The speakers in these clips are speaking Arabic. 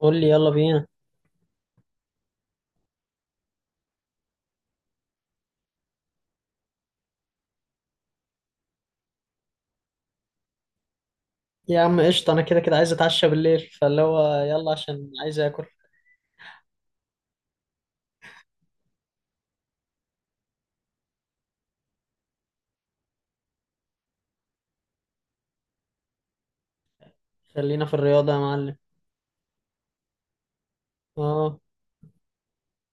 قول لي يلا بينا. يا عم قشطة، أنا كده كده عايز أتعشى بالليل، فاللي هو يلا عشان عايز آكل. خلينا في الرياضة يا معلم. أه،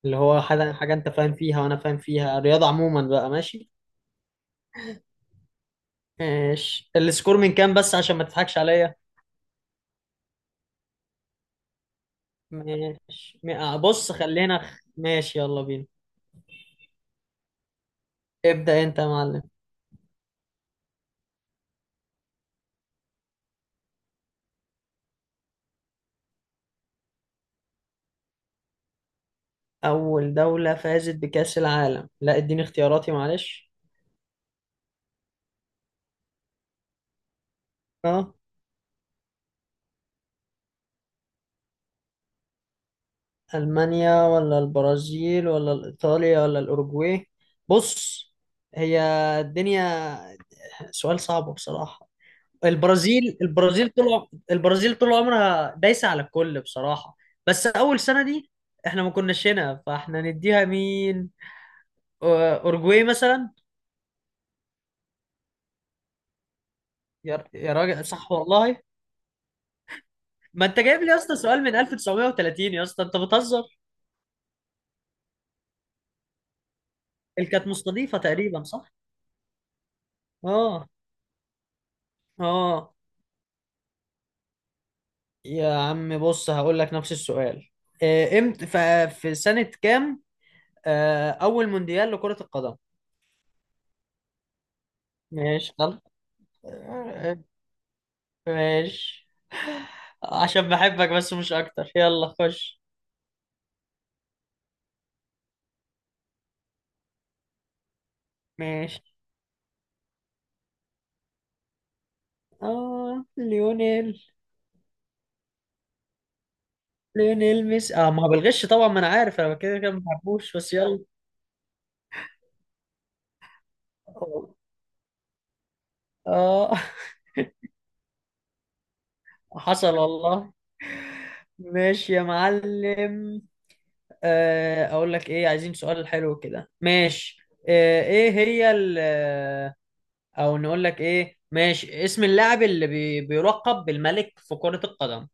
اللي هو حاجة حاجة، أنت فاهم فيها وأنا فاهم فيها، الرياضة عموما بقى. ماشي. ماشي، السكور من كام؟ بس عشان ما تضحكش عليا. ماشي، بص خلينا، ماشي يلا بينا. ابدأ أنت يا معلم. أول دولة فازت بكأس العالم؟ لا اديني اختياراتي معلش. اه، ألمانيا ولا البرازيل ولا إيطاليا ولا الأوروجواي؟ بص، هي الدنيا سؤال صعب بصراحة. البرازيل البرازيل طول عمرها دايسة على الكل بصراحة. بس أول سنة دي احنا ما كناش هنا، فاحنا نديها مين؟ أو- أوروجواي مثلا. يا راجل، صح والله. ما انت جايب لي يا اسطى سؤال من 1930، يا اسطى انت بتهزر. اللي كانت مستضيفة تقريبا صح؟ اه، اه. يا عم بص هقول لك نفس السؤال. امتى، في سنة كام أول مونديال لكرة القدم؟ ماشي يلا. آه، ماشي. عشان بحبك بس مش أكتر، يلا خش. ماشي. آه ليونيل ليونيل ميسي. ما هو بالغش طبعا، ما أنا عارف، أنا كده كده ما بحبوش بس يلا. آه حصل والله. ماشي يا معلم. أقول لك إيه، عايزين سؤال حلو كده. ماشي. آه، إيه هي ال او نقول لك ايه. ماشي. اسم اللاعب اللي بيلقب بالملك في كرة القدم؟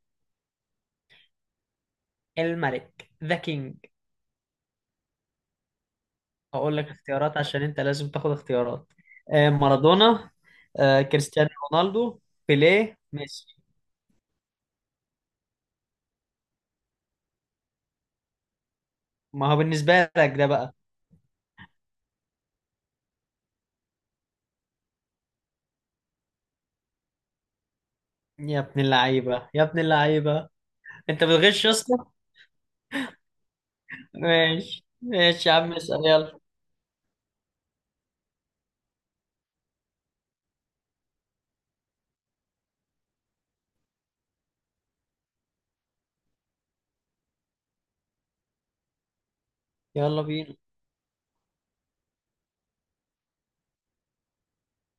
الملك، ذا كينج. هقول لك اختيارات عشان انت لازم تاخد اختيارات. مارادونا، كريستيانو رونالدو، بيليه، ميسي. ما هو بالنسبة لك ده بقى. يا ابن اللعيبة، يا ابن اللعيبة، انت بتغش يا اسطى. ماشي ماشي يا عم، اسأل يلا. يلا بينا،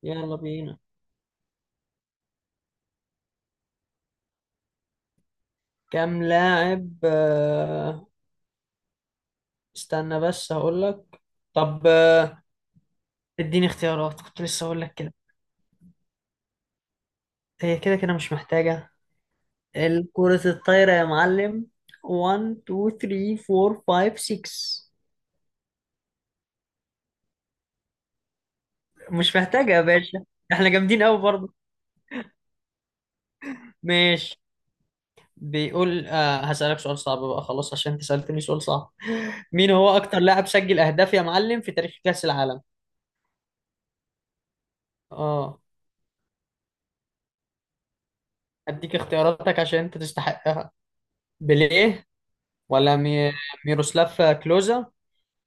يلا بينا. كام لاعب استنى بس هقول لك. طب اديني اختيارات، كنت لسه اقول لك كده. هي كده كده مش محتاجة، الكرة الطايرة يا معلم، 1 2 3 4 5 6. مش محتاجة يا باشا، احنا جامدين قوي برضه. ماشي. بيقول هسألك سؤال صعب بقى، خلاص عشان انت سألتني سؤال صعب. مين هو اكتر لاعب سجل اهداف يا معلم في تاريخ كأس العالم؟ اه، اديك اختياراتك عشان انت تستحقها. بيليه ولا ميروسلاف كلوزا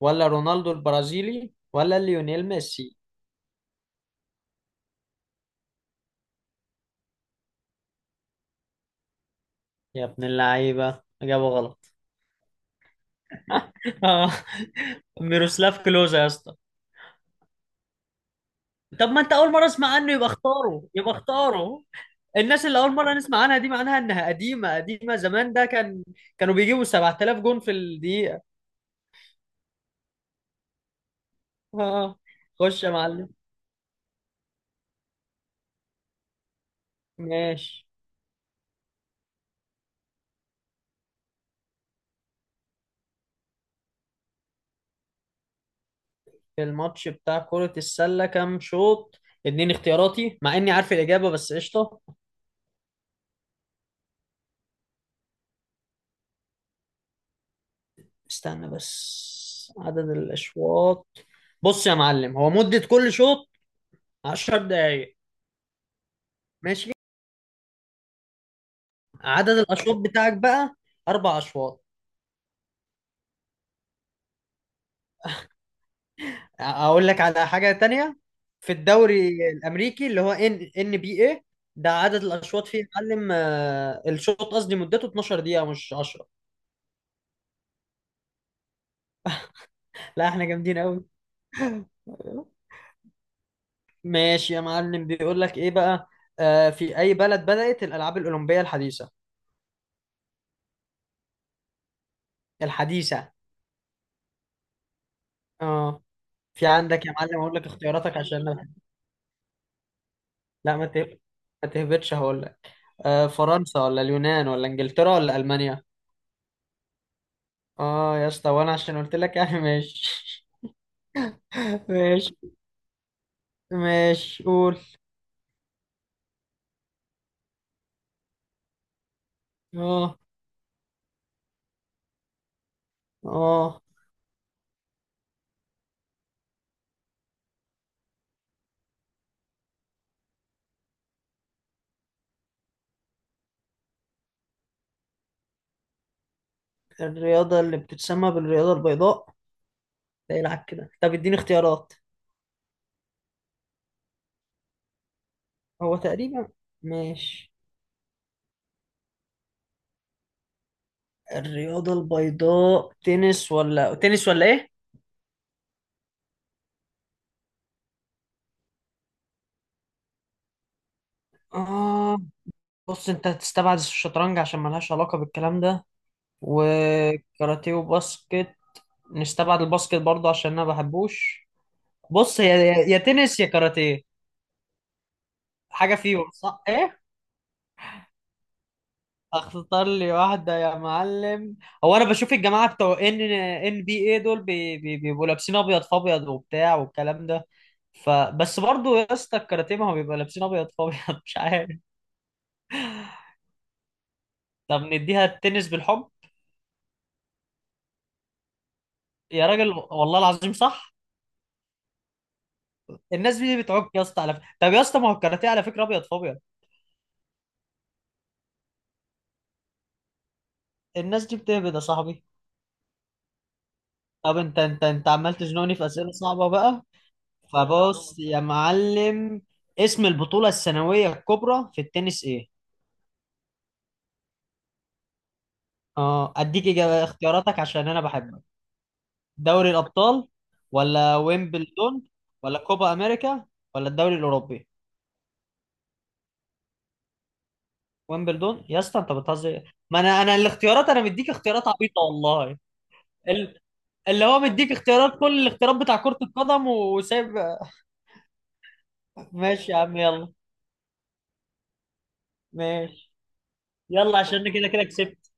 ولا رونالدو البرازيلي ولا ليونيل ميسي؟ يا ابن اللعيبة، اجابه غلط. اه، ميروسلاف كلوزا يا اسطى. طب ما انت اول مرة اسمع عنه يبقى اختاره، يبقى اختاره. الناس اللي اول مرة نسمع عنها دي معناها انها قديمة قديمة، زمان ده كانوا بيجيبوا 7000 جون في الدقيقة. اه، آه. خش يا معلم. ماشي. في الماتش بتاع كرة السلة كام شوط؟ اتنين؟ اختياراتي مع اني عارف الاجابة، بس قشطة. استنى بس، عدد الاشواط. بص يا معلم، هو مدة كل شوط 10 دقايق. ماشي. عدد الاشواط بتاعك بقى اربع اشواط. اقول لك على حاجه تانية. في الدوري الامريكي اللي هو NBA، ده عدد الاشواط فيه يا معلم. الشوط قصدي مدته 12 دقيقه، مش 10. لا احنا جامدين قوي. ماشي يا معلم، بيقول لك ايه بقى. في اي بلد بدات الالعاب الاولمبيه الحديثه؟ الحديثه. اه، في عندك يا معلم، اقول لك اختياراتك عشان لا ما تهبطش، هقول لك. فرنسا ولا اليونان ولا انجلترا ولا المانيا؟ اه يا اسطى، وانا عشان قلت لك يعني. ماشي. ماشي ماشي، قول. اه اه، الرياضة اللي بتتسمى بالرياضة البيضاء. ده يلعب كده. طب اديني اختيارات. هو تقريبا، ماشي. الرياضة البيضاء تنس ولا تنس ولا ايه؟ اه بص، انت هتستبعد الشطرنج عشان ملهاش علاقة بالكلام ده، وكاراتيه وباسكت. نستبعد الباسكت برضه عشان انا ما بحبوش. بص، يا يا يا تنس يا كاراتيه، حاجة فيهم صح؟ ايه؟ اختار لي واحدة يا معلم. هو انا بشوف الجماعة بتوع NBA دول بيبقوا لابسين ابيض في ابيض وبتاع والكلام ده، فبس برضو يا اسطى الكاراتيه ما هو بيبقى لابسين ابيض في ابيض. مش عارف. طب نديها التنس بالحب. يا راجل، والله العظيم صح. الناس دي بتعك يا اسطى على فكرة. طب يا اسطى، ما هو الكاراتيه على فكرة ابيض في ابيض. الناس دي بتهبد يا صاحبي. طب انت، انت عمال تزنقني في اسئلة صعبة بقى. فبص يا معلم، اسم البطولة السنوية الكبرى في التنس ايه؟ اه، اديك إجابة اختياراتك عشان انا بحبك. دوري الابطال ولا ويمبلدون ولا كوبا امريكا ولا الدوري الاوروبي؟ ويمبلدون يا اسطى، انت بتهزر. ما انا الاختيارات، انا مديك اختيارات عبيطه والله. ال- اللي هو مديك اختيارات كل الاختيارات بتاع كرة القدم وسايب. ماشي يا عم يلا. ماشي، يلا عشان أنا كده كده كسبت.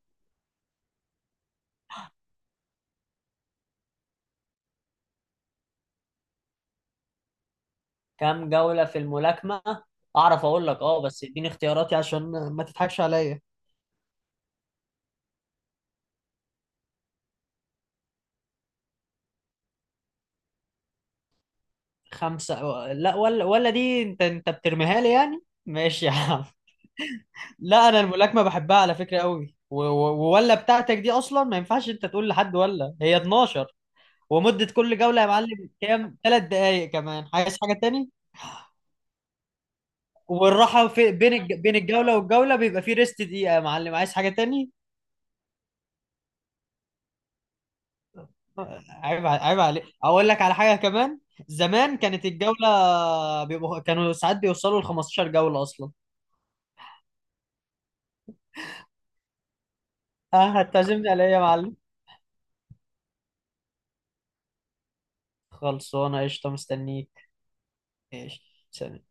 كام جولة في الملاكمة؟ اعرف اقول لك اه، بس اديني اختياراتي عشان ما تضحكش عليا. لا، ولا دي انت بترميها لي يعني. ماشي يا عم. لا انا الملاكمة بحبها على فكرة قوي، ولا بتاعتك دي اصلا ما ينفعش انت تقول لحد، ولا هي 12. ومدة كل جولة يا معلم كام؟ 3 دقايق. كمان عايز حاجة تاني؟ والراحة في بين الجولة والجولة بيبقى في ريست دقيقة يا معلم، عايز حاجة تاني؟ عيب، عيب عليك. اقول لك على حاجة كمان. زمان كانت الجولة كانوا ساعات بيوصلوا ل 15 جولة اصلا. اه، هتعزمني على ايه يا معلم؟ خلصانة قشطة، مستنيك. ماشي. سلام.